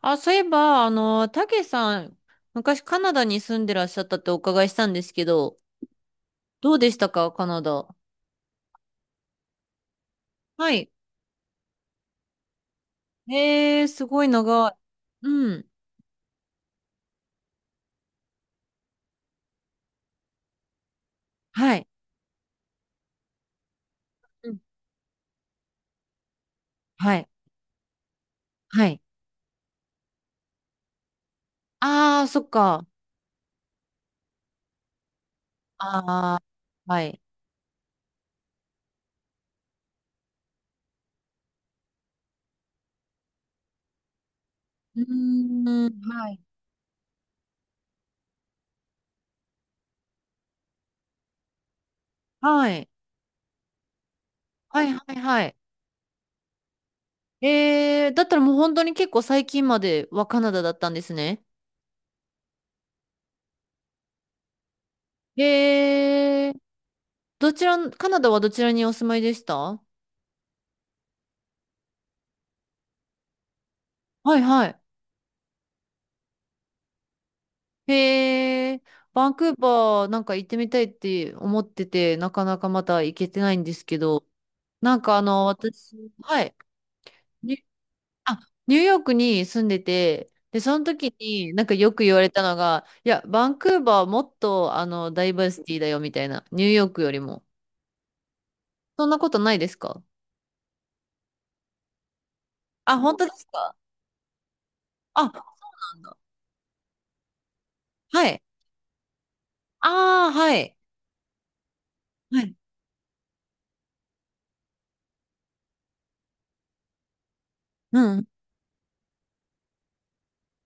あ、そういえば、たけさん、昔カナダに住んでらっしゃったってお伺いしたんですけど、どうでしたか、カナダ。はい。えー、すごい長い。うん。はい。うんはい。はい。あー、そっか。あー、はい。うーん、はい。はい。はい、はい、はい。えー、だったらもう本当に結構最近まではカナダだったんですね。えー、どちら、カナダはどちらにお住まいでしたは？はい。へえ、バンクーバーなんか行ってみたいって思ってて、なかなかまた行けてないんですけど、なんか私、はい、にあ、ニューヨークに住んでて、で、その時になんかよく言われたのが、いや、バンクーバーもっとダイバーシティだよみたいな、ニューヨークよりも。そんなことないですか？あ、本当ですか？あ、そうなんだ。はい。ああ、はい。はい。うん。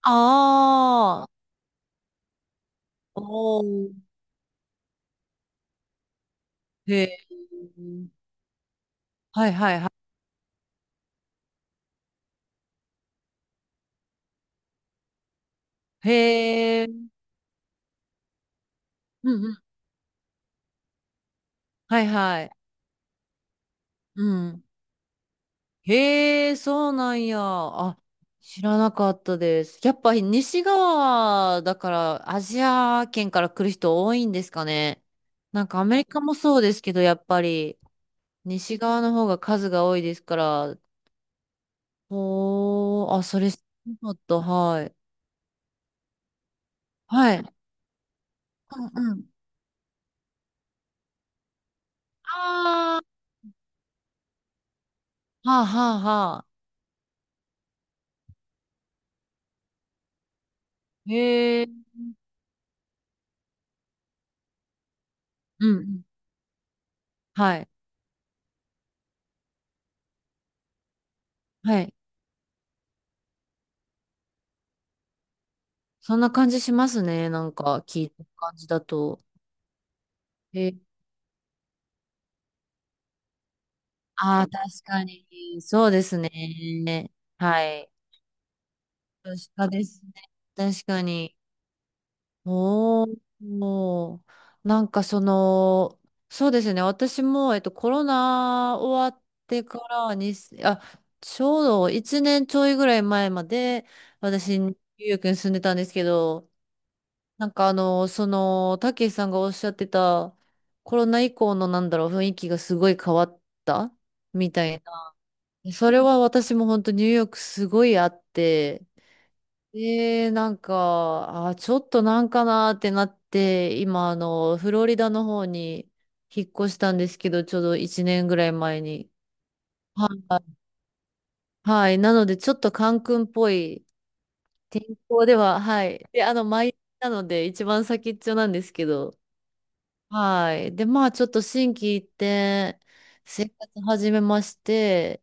ああ、おー、へえ。はいはい。へえ、うんうん。はいはい。うん。へえ、そうなんや。あ、知らなかったです。やっぱり西側だからアジア圏から来る人多いんですかね。なんかアメリカもそうですけど、やっぱり西側の方が数が多いですから。おー、あ、それ知らなかった。はい。はい。うんうん。あー、はあはあはあ。へえ、うんうん。はい。はい。そんな感じしますね。なんか聞いた感じだと。え、ああ、確かに。そうですね。はい。確かですね。確かに。おー、もう、なんかその、そうですね。私も、コロナ終わってからに、あ、ちょうど1年ちょいぐらい前まで、私、ニューヨークに住んでたんですけど、なんかたけしさんがおっしゃってた、コロナ以降のなんだろう、雰囲気がすごい変わったみたいな。それは私も本当ニューヨークすごいあって、で、なんか、あ、ちょっとなんかなーってなって、今フロリダの方に引っ越したんですけど、ちょうど1年ぐらい前に。はい。はい。なので、ちょっとカンクンっぽい天候では、はい。で、マイアミなので、一番先っちょなんですけど、はい。で、まあ、ちょっと心機一転、生活始めまして、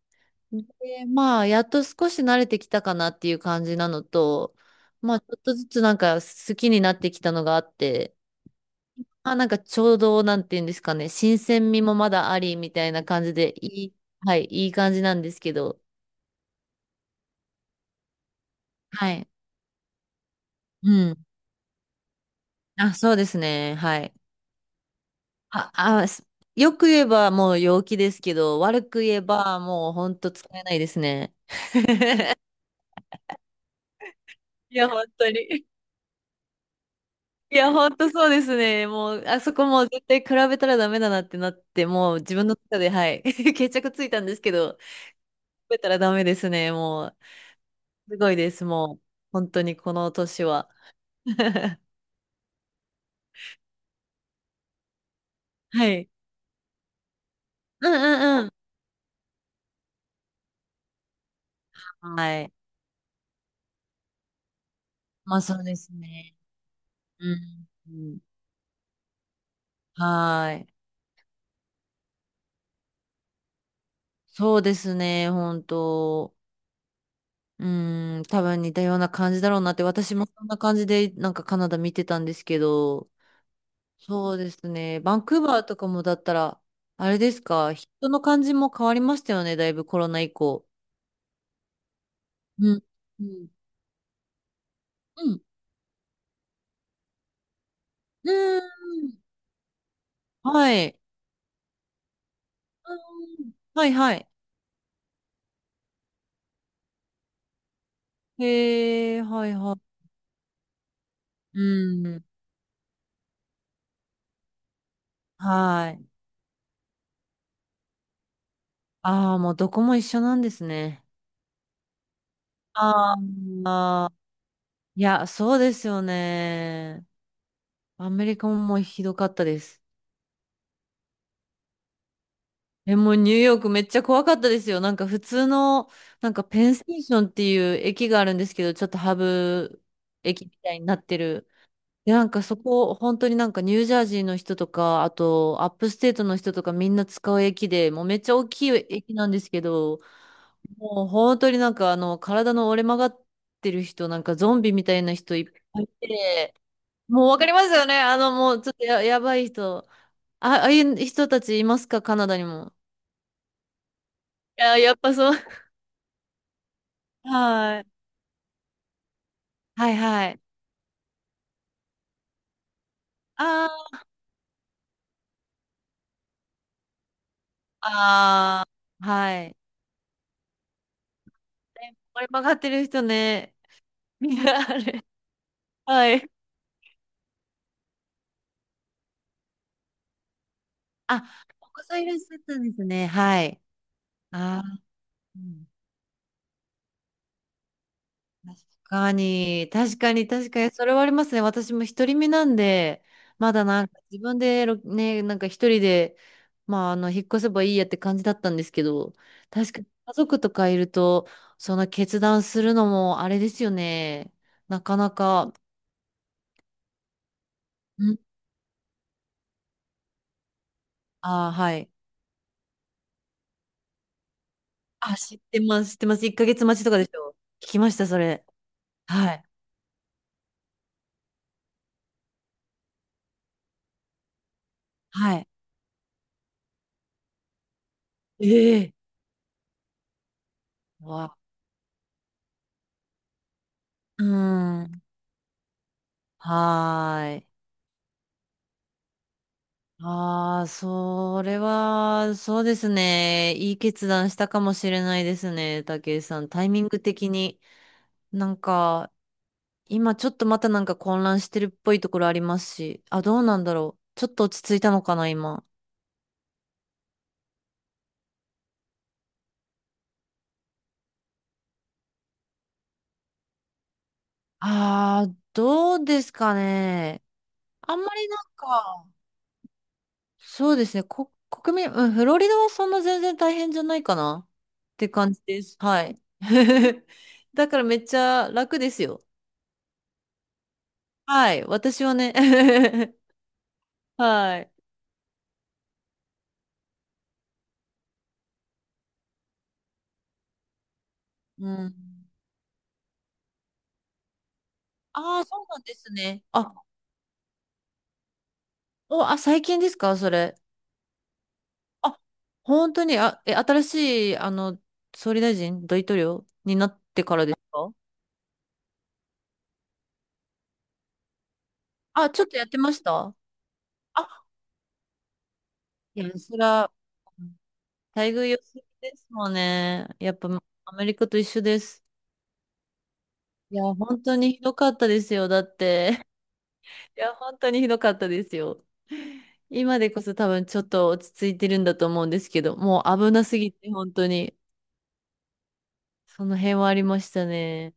で、まあ、やっと少し慣れてきたかなっていう感じなのと、まあ、ちょっとずつなんか好きになってきたのがあって、まあ、なんかちょうど、なんていうんですかね、新鮮味もまだありみたいな感じで、はい、いい感じなんですけど、はい。うん。あ、そうですね。はい。あ、あ、すよく言えばもう陽気ですけど、悪く言えばもうほんと使えないですね。いや、本当に。いや、本当そうですね。もう、あそこもう絶対比べたらダメだなってなって、もう自分の中で、はい、決着ついたんですけど、比べたらダメですね。もう、すごいです。もう、本当にこの年は。はい。うんうんうん。はい。まあそうですね。うん。うんはい。そうですね。本当。うん。多分似たような感じだろうなって、私もそんな感じで、なんかカナダ見てたんですけど、そうですね。バンクーバーとかもだったら、あれですか、人の感じも変わりましたよね、だいぶコロナ以降。うん。うん。うん。うーんはい。うんはいはい。へえ、はいはい。うん。はい。ああ、もうどこも一緒なんですね。あーあー、いや、そうですよね。アメリカももうひどかったです。え、もうニューヨークめっちゃ怖かったですよ。なんか普通の、なんかペンステーションっていう駅があるんですけど、ちょっとハブ駅みたいになってる。で、なんかそこ、本当になんかニュージャージーの人とか、あとアップステートの人とかみんな使う駅で、もうめっちゃ大きい駅なんですけど、もう本当になんか体の折れ曲がってる人、なんかゾンビみたいな人いっぱいいて、もうわかりますよね。もうちょっとやばい人。あ、ああいう人たちいますか、カナダにも？やっぱそう。はい。はいはい。あーあー、はい。ねこれ曲がってる人ね。いやあれ。はい。あ、お子さんいらっしゃったんですね。はい。ああ。うん、確かに、確かに、確かに、それはありますね。私も一人身なんで、まだなんか自分でね、なんか一人で、まあ、引っ越せばいいやって感じだったんですけど、確かに家族とかいると、その決断するのもあれですよね。なかなか、んああ、はい。あ、知ってます、知ってます。1ヶ月待ちとかでしょ。聞きました、それ。はい。はい。ええわ。うーん。はーい。ああ、それは、そうですね。いい決断したかもしれないですね、武井さん。タイミング的に。なんか、今ちょっとまたなんか混乱してるっぽいところありますし。あ、どうなんだろう。ちょっと落ち着いたのかな、今。ああ、どうですかね。あんまりなんか、そうですね。国民、うん、フロリダはそんな全然大変じゃないかな。って感じです。はい。だからめっちゃ楽ですよ。はい、私はね。はい。うん。ああ、そうなんですね。最近ですか、それ。あ、本当に、新しい、総理大臣、大統領になってからですか？あ、ちょっとやってました。あ、いや、そら、待遇良すぎですもんね。やっぱ、アメリカと一緒です。いや、本当にひどかったですよ。だって、いや、本当にひどかったですよ。今でこそ多分ちょっと落ち着いてるんだと思うんですけど、もう危なすぎて本当に、その辺はありましたね。